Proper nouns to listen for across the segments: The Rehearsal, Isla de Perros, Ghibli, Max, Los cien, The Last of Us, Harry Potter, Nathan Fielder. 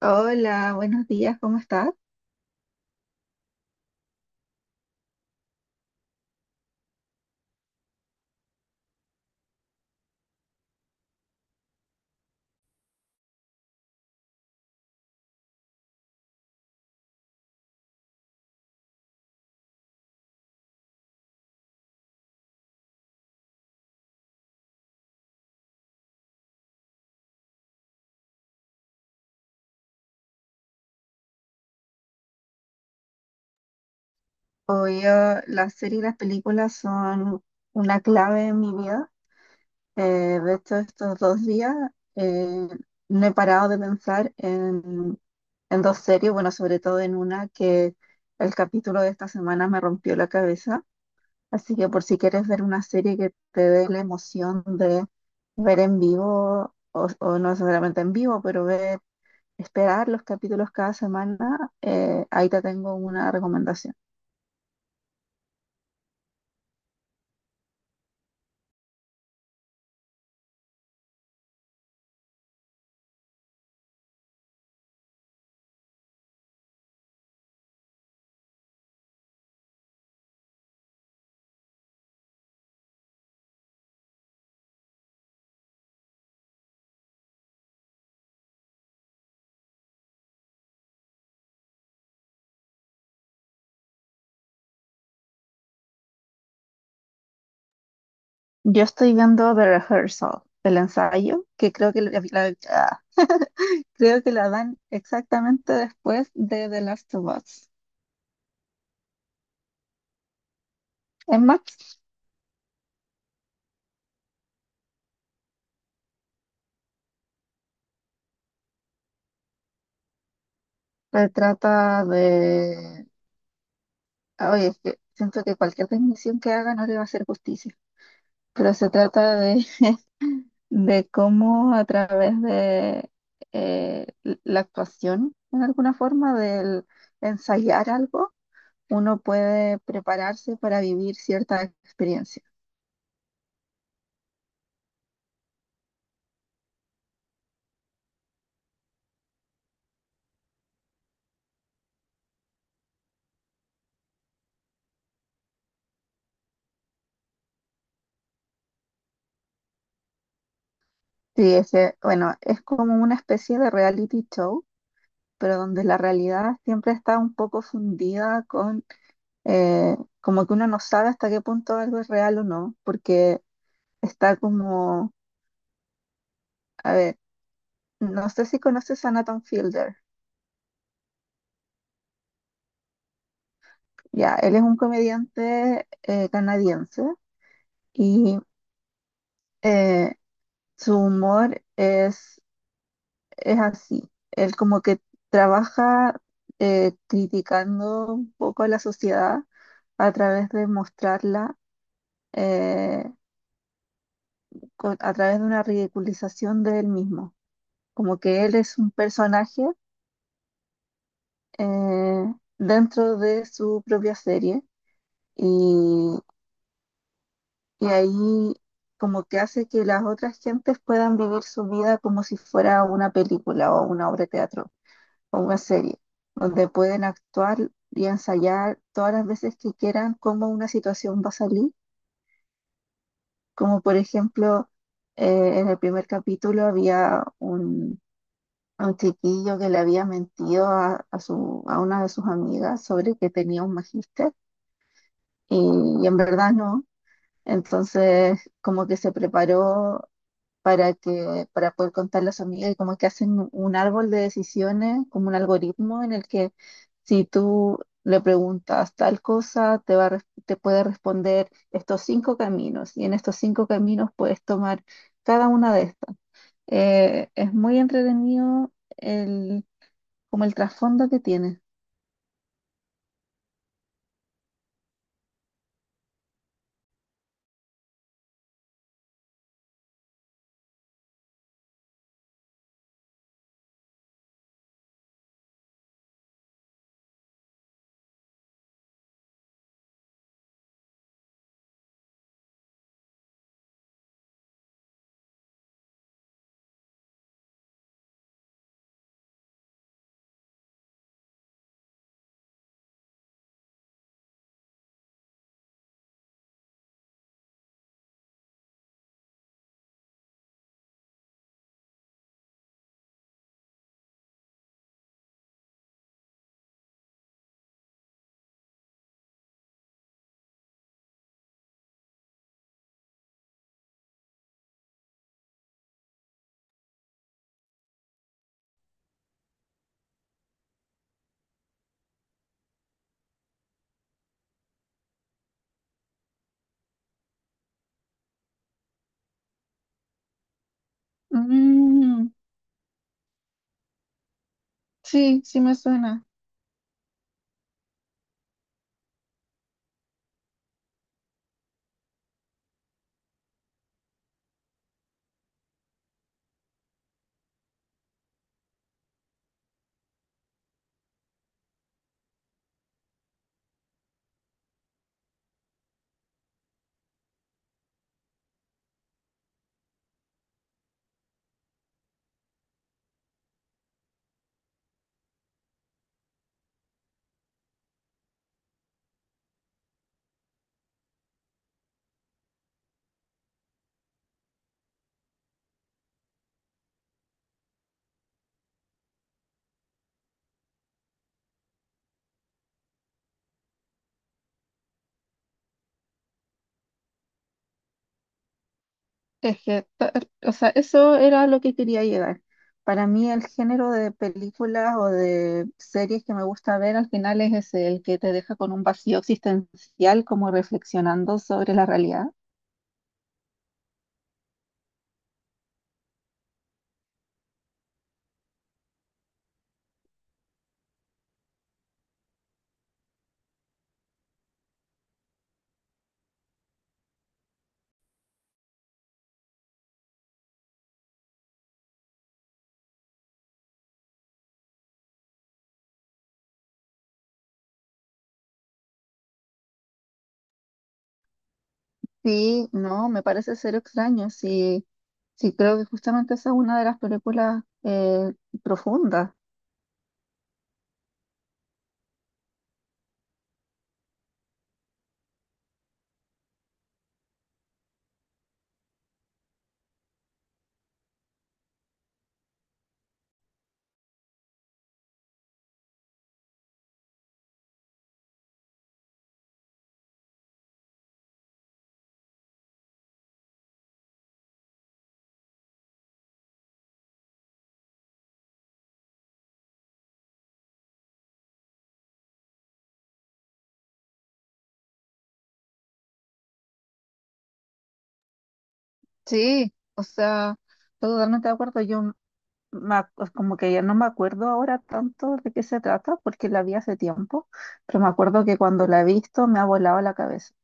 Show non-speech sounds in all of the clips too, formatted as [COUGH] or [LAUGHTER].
Hola, buenos días, ¿cómo estás? Obvio, las series y las películas son una clave en mi vida. De hecho, estos dos días eh, no he parado de pensar en dos series, bueno, sobre todo en una que el capítulo de esta semana me rompió la cabeza. Así que por si quieres ver una serie que te dé la emoción de ver en vivo, o no necesariamente en vivo, pero ver, esperar los capítulos cada semana, ahí te tengo una recomendación. Yo estoy viendo The Rehearsal, el ensayo, que creo que creo que la dan exactamente después de The Last of Us. En Max se trata de... ah, oye, es que siento que cualquier definición que haga no le va a hacer justicia, pero se trata de cómo a través de eh, la actuación, en alguna forma, del ensayar algo, uno puede prepararse para vivir cierta experiencia. Sí, ese, bueno, es como una especie de reality show, pero donde la realidad siempre está un poco fundida con, eh, como que uno no sabe hasta qué punto algo es real o no, porque está como, a ver, no sé si conoces a Nathan Fielder, ya, él es un comediante canadiense y eh, su humor es así. Él como que trabaja criticando un poco a la sociedad a través de mostrarla, eh, a través de una ridiculización de él mismo. Como que él es un personaje dentro de su propia serie y, y ahí como que hace que las otras gentes puedan vivir su vida como si fuera una película o una obra de teatro, o una serie, donde pueden actuar y ensayar todas las veces que quieran cómo una situación va a salir. Como por ejemplo, en el primer capítulo había un chiquillo que le había mentido a una de sus amigas sobre que tenía un magíster y, y en verdad no. Entonces, como que se preparó para poder contarle a su amiga, y como que hacen un árbol de decisiones, como un algoritmo en el que si tú le preguntas tal cosa, te puede responder estos cinco caminos, y en estos cinco caminos puedes tomar cada una de estas. Es muy entretenido el, como el trasfondo que tiene. Mm, sí, sí me suena. Es que, o sea, eso era lo que quería llegar. Para mí el género de películas o de series que me gusta ver al final es ese, el que te deja con un vacío existencial, como reflexionando sobre la realidad. Sí, no, me parece ser extraño. Sí, sí, creo que justamente esa es una de las películas profundas. Sí, o sea, estoy totalmente de acuerdo. Yo como que ya no me acuerdo ahora tanto de qué se trata, porque la vi hace tiempo, pero me acuerdo que cuando la he visto me ha volado la cabeza.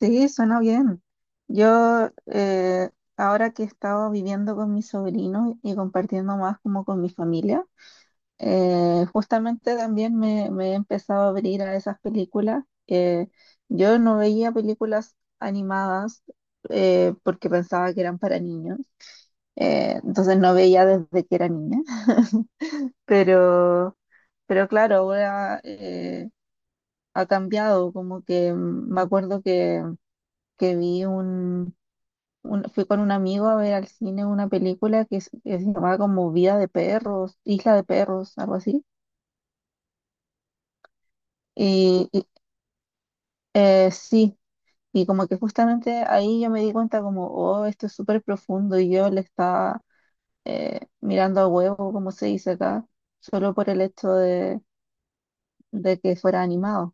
Sí, suena bien. Yo, ahora que he estado viviendo con mi sobrino y compartiendo más como con mi familia, justamente también me he empezado a abrir a esas películas. Yo no veía películas animadas porque pensaba que eran para niños. Entonces no veía desde que era niña. [LAUGHS] Pero, pero claro, ahora ha cambiado, como que me acuerdo que vi fui con un amigo a ver al cine una película que se llamaba como Vida de Perros, Isla de Perros, algo así. Y, y, sí, y como que justamente ahí yo me di cuenta como, oh, esto es súper profundo y yo le estaba mirando a huevo, como se dice acá, solo por el hecho de que fuera animado.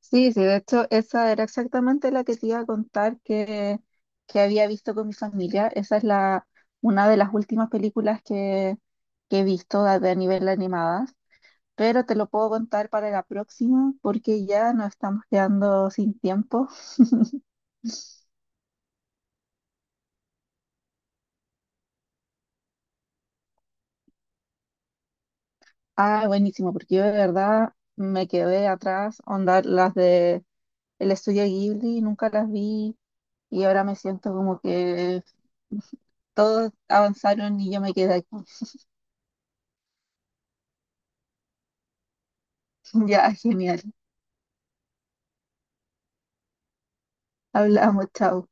Sí, sí, de hecho, esa era exactamente la que te iba a contar que había visto con mi familia. Esa es la, una de las últimas películas que he visto a nivel animadas, pero te lo puedo contar para la próxima porque ya nos estamos quedando sin tiempo. Ah, buenísimo, porque yo de verdad me quedé atrás, onda, las de el estudio Ghibli nunca las vi, y ahora me siento como que todos avanzaron y yo me quedé aquí. [LAUGHS] Ya, genial. Hablamos, chao.